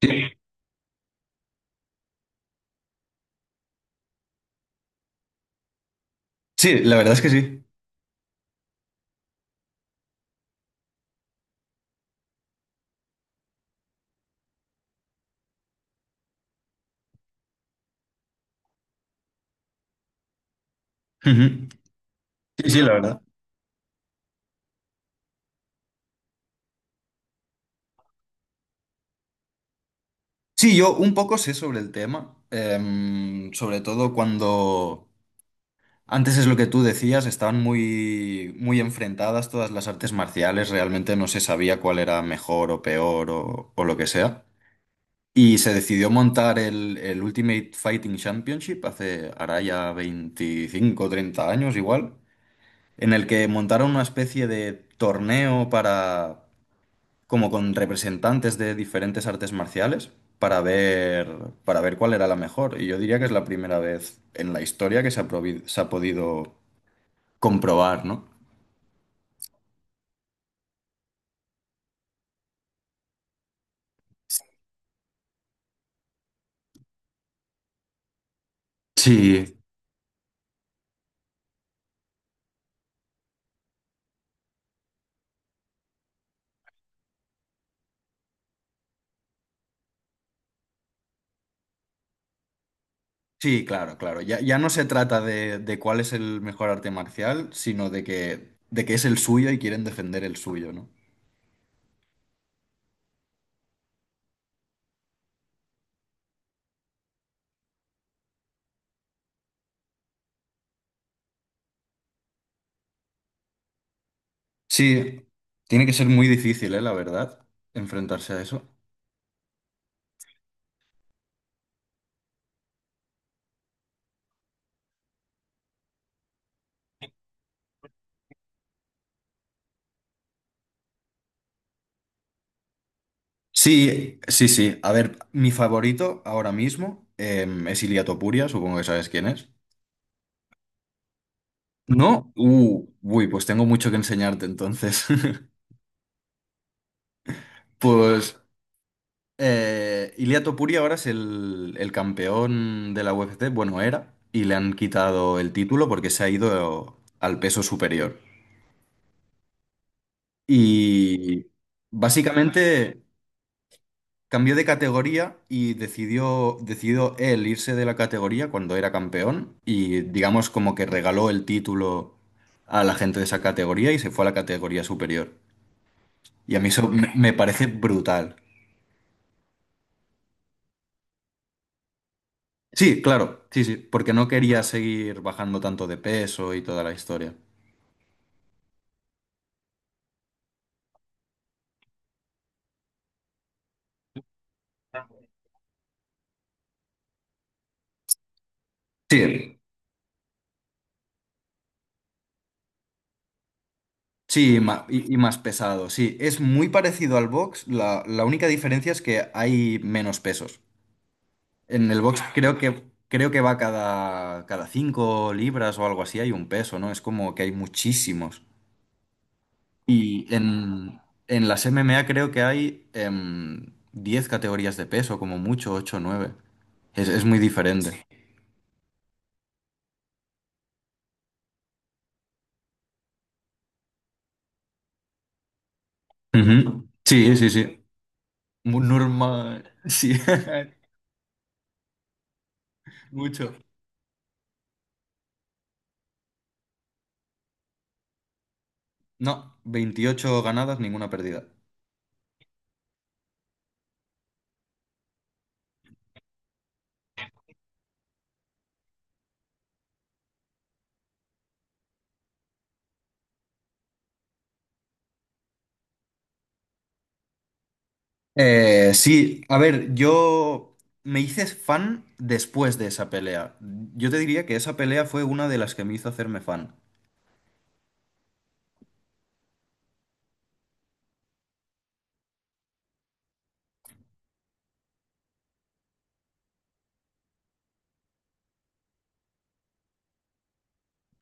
Sí, sí, la verdad es que sí. Ujú. Sí, sí, la verdad. Sí, yo un poco sé sobre el tema, sobre todo cuando antes es lo que tú decías, estaban muy, muy enfrentadas todas las artes marciales, realmente no se sabía cuál era mejor o peor o lo que sea. Y se decidió montar el Ultimate Fighting Championship hace, ahora ya 25, o 30 años igual, en el que montaron una especie de torneo para como con representantes de diferentes artes marciales para ver, para ver cuál era la mejor. Y yo diría que es la primera vez en la historia que se ha podido comprobar, ¿no? Sí. Sí, claro, claro. Ya no se trata de cuál es el mejor arte marcial, sino de que es el suyo y quieren defender el suyo, ¿no? Sí, tiene que ser muy difícil, ¿eh? La verdad, enfrentarse a eso. Sí, sí, sí. A ver, mi favorito ahora mismo es Ilia Topuria, supongo que sabes quién es. ¿No? Uy, pues tengo mucho que enseñarte entonces. Pues Ilia Topuria ahora es el campeón de la UFC, bueno, era, y le han quitado el título porque se ha ido al peso superior. Y básicamente cambió de categoría y decidió él irse de la categoría cuando era campeón y digamos como que regaló el título a la gente de esa categoría y se fue a la categoría superior. Y a mí eso me parece brutal. Sí, claro, sí, sí, porque no quería seguir bajando tanto de peso y toda la historia. Sí, sí, ma- y más pesado, sí. Es muy parecido al box, la única diferencia es que hay menos pesos. En el box, claro, creo que va cada 5 libras o algo así, hay un peso, ¿no? Es como que hay muchísimos. Y en, en las MMA creo que hay 10 categorías de peso, como mucho, 8, o 9. Es muy diferente. Ujú. Sí, sí, sí. Mu- normal. Sí, mucho. No, 28 ganadas, ninguna perdida. Sí, a ver, yo me hice fan después de esa pelea. Yo te diría que esa pelea fue una de las que me hizo hacerme fan.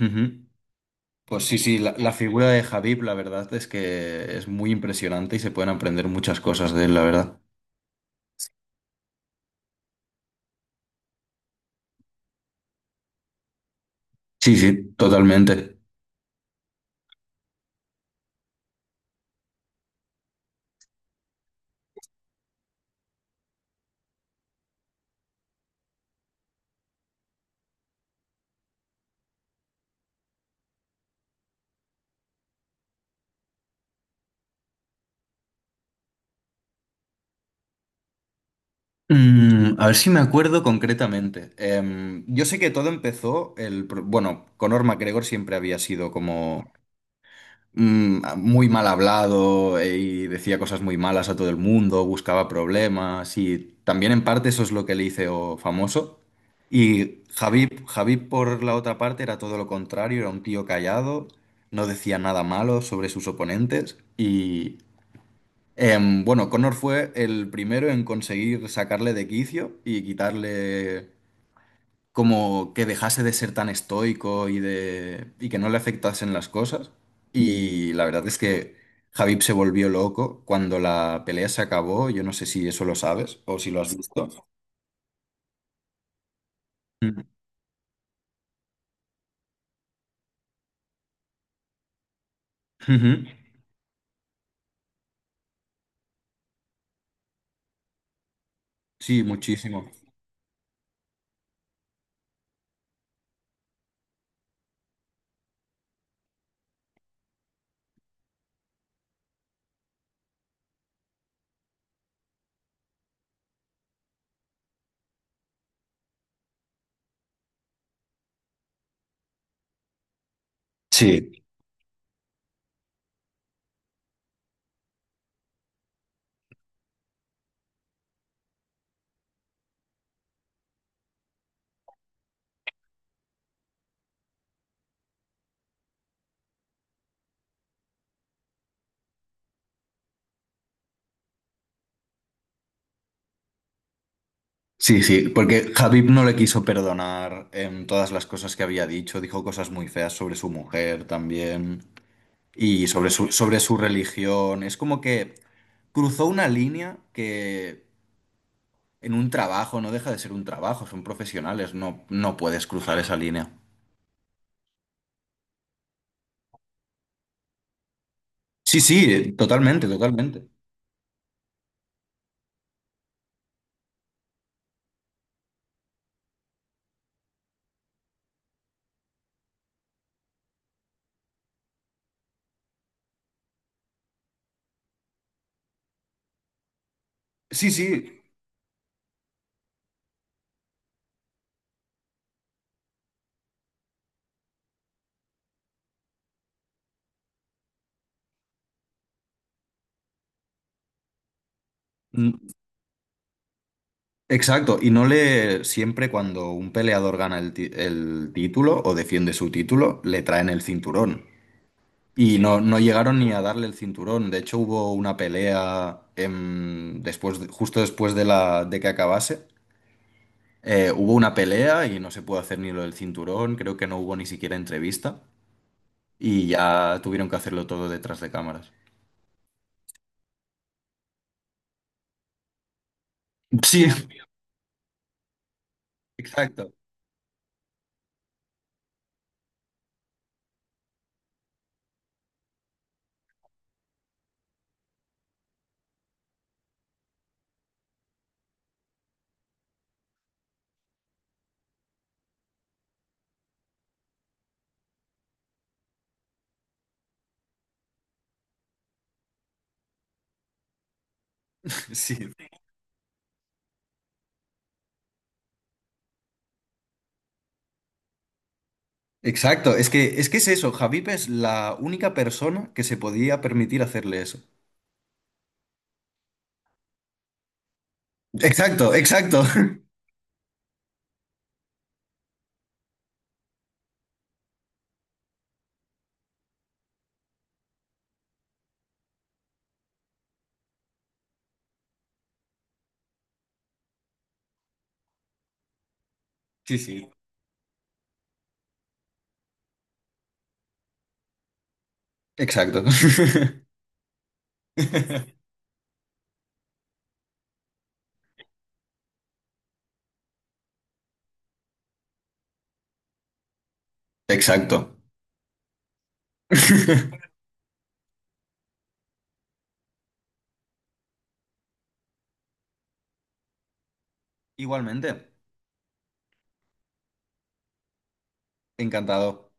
Ujú. Pues sí, sí, la figura de Javib, la verdad es que es muy impresionante y se pueden aprender muchas cosas de él, la verdad. Sí, sí, totalmente. Mm, a ver si me acuerdo concretamente. Yo sé que todo empezó bueno, Conor McGregor siempre había sido como mm, muy mal hablado, y decía cosas muy malas a todo el mundo, buscaba problemas y también en parte eso es lo que le hizo famoso. Y Javib por la otra parte era todo lo contrario, era un tío callado, no decía nada malo sobre sus oponentes. Bueno, Connor fue el primero en conseguir sacarle de quicio y quitarle, como que dejase de ser tan estoico y que no le afectasen las cosas. Y la verdad es que Javib se volvió loco cuando la pelea se acabó. Yo no sé si eso lo sabes o si lo has visto. Mm. Ujú. Sí, muchísimo. Sí, sí, sí, porque Javib no le quiso perdonar en todas las cosas que había dicho, dijo cosas muy feas sobre su mujer también, y sobre su religión. Es como que cruzó una línea que en un trabajo no deja de ser un trabajo, son profesionales, no, no puedes cruzar esa línea. Sí, sí, totalmente, totalmente. Sí, sí, mm, exacto. Y no le, siempre cuando un peleador gana el título o defiende su título, le traen el cinturón. Y no, no llegaron ni a darle el cinturón. De hecho, hubo una pelea después, de- justo después de de que acabase. Hubo una pelea y no se pudo hacer ni lo del cinturón, creo que no hubo ni siquiera entrevista y ya tuvieron que hacerlo todo detrás de cámaras. Sí, exacto. Sí, exacto. Es que, es que es eso, Javip es la única persona que se podía permitir hacerle eso. Exacto, exacto. Sí, sí. Exacto. Exacto. Igualmente, encantado.